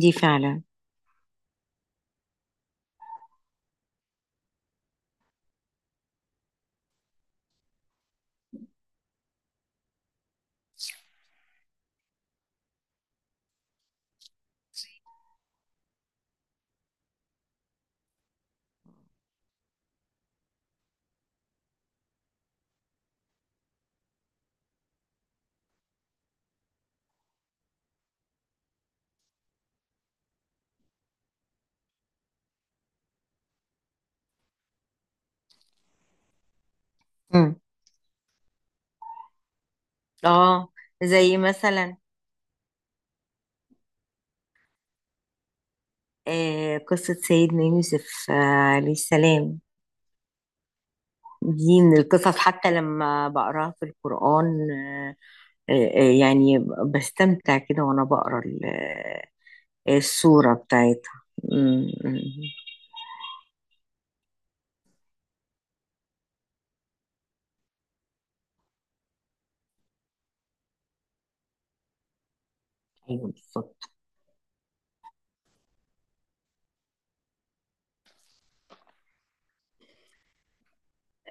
دي فعلا. امم. اه. زي مثلا، قصة سيدنا يوسف عليه السلام. دي من القصص، حتى لما بقراها في القرآن، آه، يعني بستمتع كده وأنا بقرا السورة بتاعتها. مم، مم. أيوه بالظبط.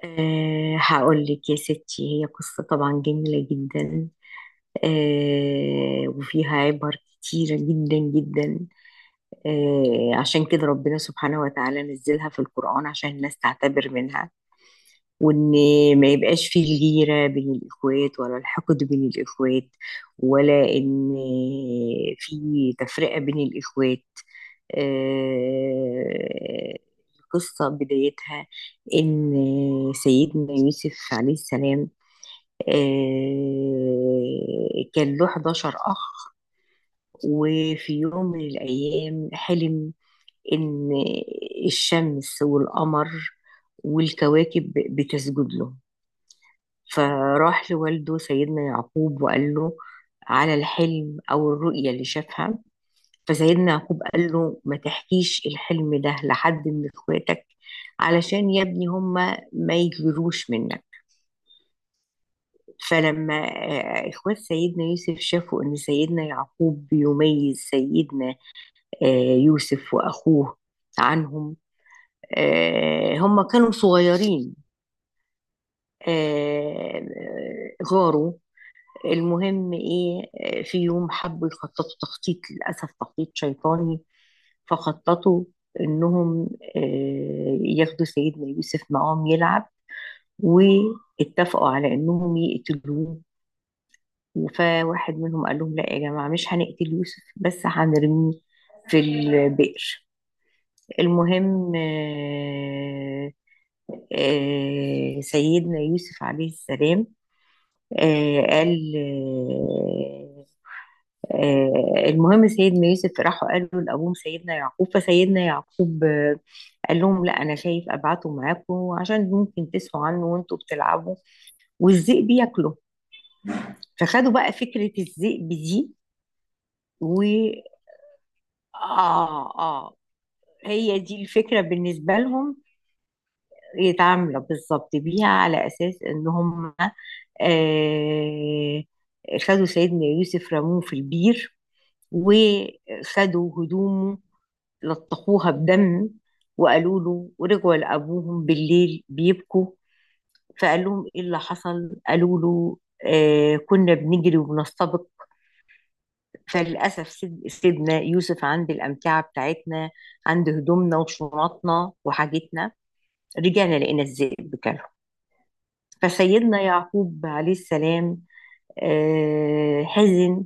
أه، هقول لك يا ستي، هي قصة طبعا جميلة جدا. أه، وفيها عبر كتيرة جدا جدا. أه، عشان كده ربنا سبحانه وتعالى نزلها في القرآن عشان الناس تعتبر منها، وان ما يبقاش فيه الغيرة بين الاخوات، ولا الحقد بين الاخوات، ولا ان في تفرقة بين الاخوات. آه، القصة بدايتها ان سيدنا يوسف عليه السلام كان له 11 اخ. وفي يوم من الايام حلم ان الشمس والقمر والكواكب بتسجد له. فراح لوالده سيدنا يعقوب وقال له على الحلم أو الرؤية اللي شافها. فسيدنا يعقوب قال له ما تحكيش الحلم ده لحد من اخواتك، علشان يا ابني هما ما يجروش منك. فلما اخوات سيدنا يوسف شافوا ان سيدنا يعقوب بيميز سيدنا يوسف واخوه عنهم، هم كانوا صغيرين، غاروا. المهم ايه، في يوم حبوا يخططوا تخطيط للأسف تخطيط شيطاني. فخططوا انهم ياخدوا سيدنا يوسف معاهم يلعب، واتفقوا على انهم يقتلوه. فواحد منهم قال لهم لا يا جماعة مش هنقتل يوسف، بس هنرميه في البئر. المهم سيدنا يوسف عليه السلام آه، قال آه، آه، المهم سيدنا يوسف راحوا قالوا لأبوهم سيدنا يعقوب. فسيدنا يعقوب قال لهم لا أنا شايف أبعته معاكم عشان ممكن تسهوا عنه وأنتوا بتلعبوا والذئب ياكله. فخدوا بقى فكرة الذئب دي. و آه آه هي دي الفكرة بالنسبة لهم، يتعاملوا بالظبط بيها على أساس إن هم آه خدوا سيدنا يوسف رموه في البير، وخدوا هدومه لطخوها بدم، وقالوا له ورجعوا لأبوهم بالليل بيبكوا. فقال لهم إيه اللي حصل، قالوا له كنا بنجري وبنستبق، فللأسف سيدنا يوسف عند الأمتعة بتاعتنا، عند هدومنا وشنطنا وحاجتنا، رجعنا لقينا الذئب كله. فسيدنا يعقوب عليه السلام حزن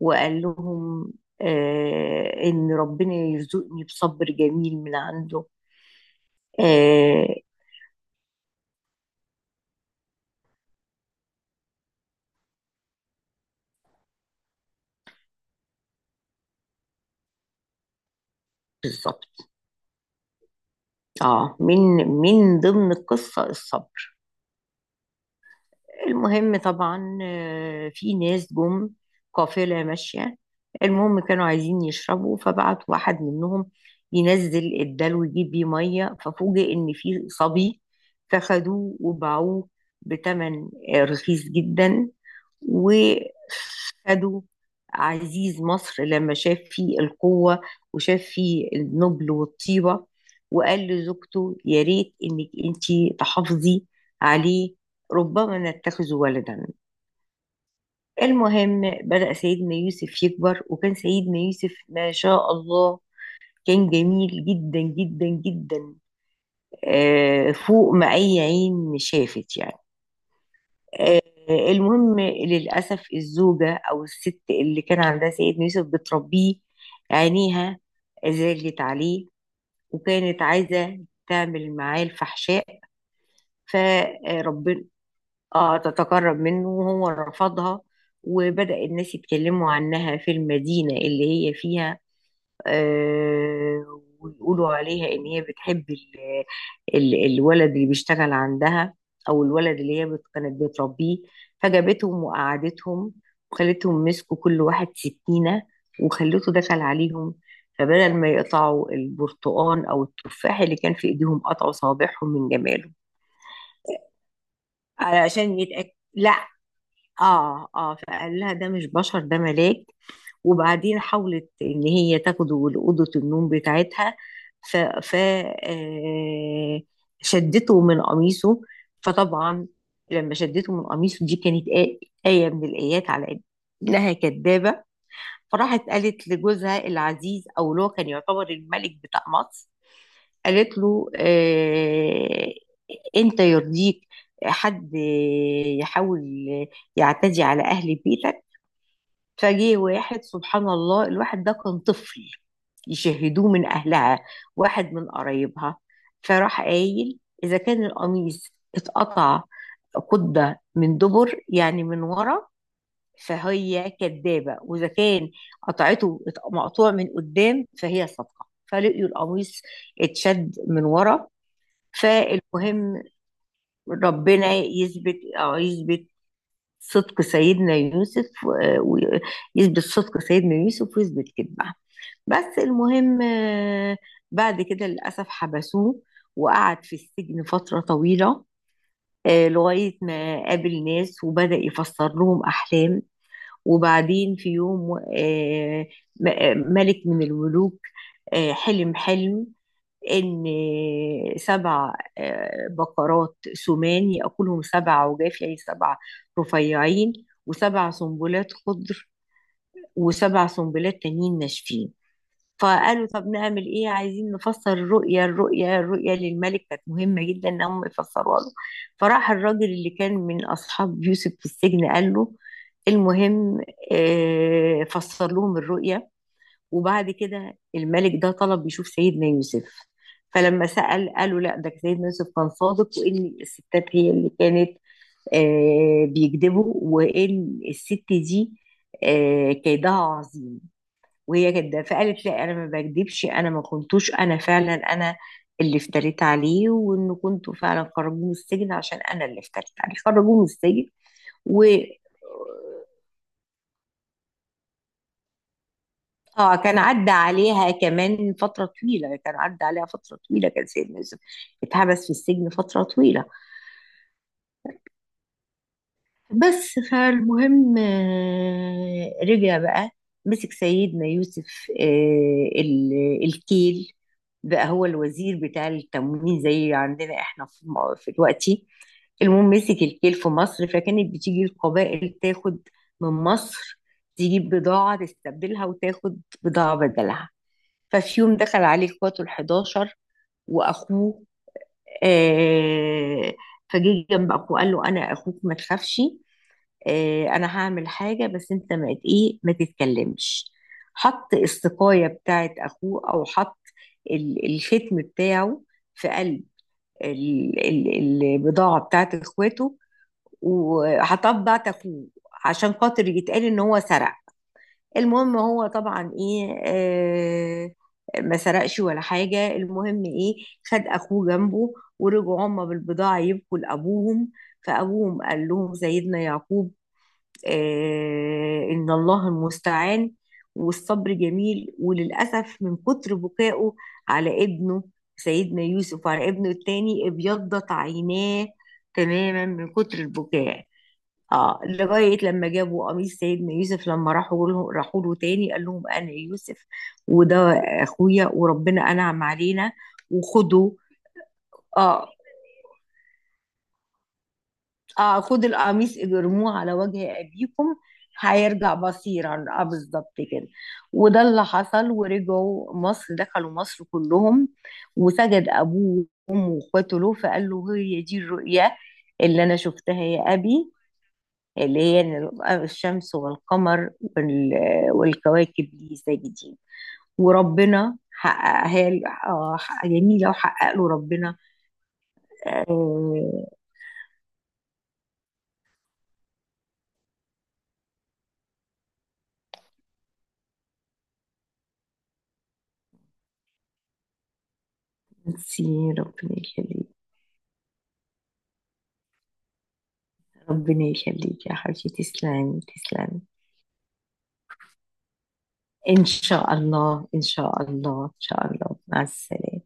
وقال لهم إن ربنا يرزقني بصبر جميل من عنده. آه بالظبط. اه، من ضمن القصة الصبر. المهم طبعا في ناس جم قافلة ماشية. المهم كانوا عايزين يشربوا فبعت واحد منهم ينزل الدلو يجيب بيه مية، ففوجئ إن في صبي، فخدوه وباعوه بتمن رخيص جدا. وخدوا عزيز مصر لما شاف فيه القوة وشاف فيه النبل والطيبة، وقال لزوجته يا ريت إنك أنتي تحافظي عليه ربما نتخذ ولدا. المهم بدأ سيدنا يوسف يكبر وكان سيدنا يوسف ما شاء الله كان جميل جدا جدا جدا، فوق ما أي عين شافت يعني. آه، المهم للأسف الزوجة أو الست اللي كان عندها سيدنا يوسف بتربيه عينيها زالت عليه، وكانت عايزة تعمل معاه الفحشاء. فربنا، اه، تتقرب منه وهو رفضها. وبدأ الناس يتكلموا عنها في المدينة اللي هي فيها، ويقولوا عليها ان هي بتحب ال الولد اللي بيشتغل عندها، او الولد اللي هي كانت بتربيه. فجابتهم وقعدتهم وخلتهم مسكوا كل واحد سكينة، وخلته دخل عليهم. فبدل ما يقطعوا البرتقان او التفاح اللي كان في ايديهم قطعوا صوابعهم من جماله. علشان يتأكد، لا، اه فقال لها ده مش بشر ده ملاك. وبعدين حاولت ان هي تاخده لأوضة النوم بتاعتها. ف شدته من قميصه. فطبعا لما شدته من قميصه دي كانت آية من الآيات على إنها كدابة. فراحت قالت لجوزها العزيز أو اللي هو كان يعتبر الملك بتاع مصر. قالت له أنت يرضيك حد يحاول يعتدي على أهل بيتك؟ فجه واحد سبحان الله الواحد ده كان طفل يشاهدوه من أهلها، واحد من قرايبها. فراح قايل إذا كان القميص اتقطع قدة من دبر يعني من ورا فهي كدابة، وإذا كان مقطوع من قدام فهي صادقة. فلقيوا القميص اتشد من ورا. فالمهم ربنا يثبت أو يثبت صدق سيدنا يوسف، ويثبت كذبه. بس المهم بعد كده للأسف حبسوه، وقعد في السجن فترة طويلة، لغاية ما قابل ناس وبدأ يفسر لهم أحلام. وبعدين في يوم آه، ملك من الملوك حلم ان 7 بقرات سمان ياكلهم 7 عجاف يعني 7 رفيعين، و7 سنبلات خضر، و7 سنبلات تانيين ناشفين. فقالوا طب نعمل ايه، عايزين نفسر الرؤيا، الرؤيا للملك كانت مهمه جدا ان هم يفسروها له. فراح الراجل اللي كان من اصحاب يوسف في السجن قال له المهم، فسر لهم الرؤيا. وبعد كده الملك ده طلب يشوف سيدنا يوسف. فلما سأل قالوا لا ده سيدنا يوسف كان صادق، وإن الستات هي اللي كانت بيكذبوا، وإن الست دي كيدها عظيم. وهي كده فقالت لا أنا ما بكذبش، أنا ما كنتوش، أنا فعلا أنا اللي افتريت عليه، وإنه كنتوا فعلا خرجوه من السجن عشان أنا اللي افتريت عليه خرجوه من السجن. و اه كان عدى عليها كمان فترة طويلة، كان سيدنا يوسف اتحبس في السجن فترة طويلة. بس فالمهم رجع بقى مسك سيدنا يوسف الكيل، بقى هو الوزير بتاع التموين زي عندنا احنا في في دلوقتي. المهم مسك الكيل في مصر، فكانت بتيجي القبائل تاخد من مصر، تجيب بضاعة تستبدلها وتاخد بضاعة بدلها. ففي يوم دخل عليه اخواته ال 11 واخوه، آه فجه جنب اخوه قال له انا اخوك ما تخافش، انا هعمل حاجه، بس انت ما ت- ايه ما تتكلمش. حط السقايه بتاعت اخوه او حط الختم بتاعه في قلب البضاعه بتاعت اخواته، وحطها في بتاعت اخوه عشان خاطر يتقال ان هو سرق. المهم هو طبعا ايه ما سرقش ولا حاجة. المهم ايه، خد اخوه جنبه ورجعوا هما بالبضاعة يبكوا لابوهم. فابوهم قال لهم سيدنا يعقوب ان الله المستعان والصبر جميل. وللأسف من كتر بكائه على ابنه سيدنا يوسف وعلى ابنه التاني ابيضت عيناه تماما من كتر البكاء. اه، لغاية لما جابوا قميص سيدنا يوسف، لما راحوا له راحوا له تاني قال لهم انا يوسف، وده اخويا، وربنا انعم علينا. وخدوا اه اه خد القميص اجرموه على وجه ابيكم هيرجع بصيرا. اه بالظبط كده. وده اللي حصل، ورجعوا مصر، دخلوا مصر كلهم. وسجد ابوه وامه واخواته له، فقال له هي دي الرؤيا اللي انا شفتها يا ابي، اللي هي إن الشمس والقمر والكواكب دي ازاي جديد. وربنا حققها له، جميلة وحقق له ربنا. آه، ميرسي ربنا يخليك، ربنا يخليك يا حبيبتي، تسلمي تسلمي. إن شاء الله إن شاء الله إن شاء الله، مع السلامة.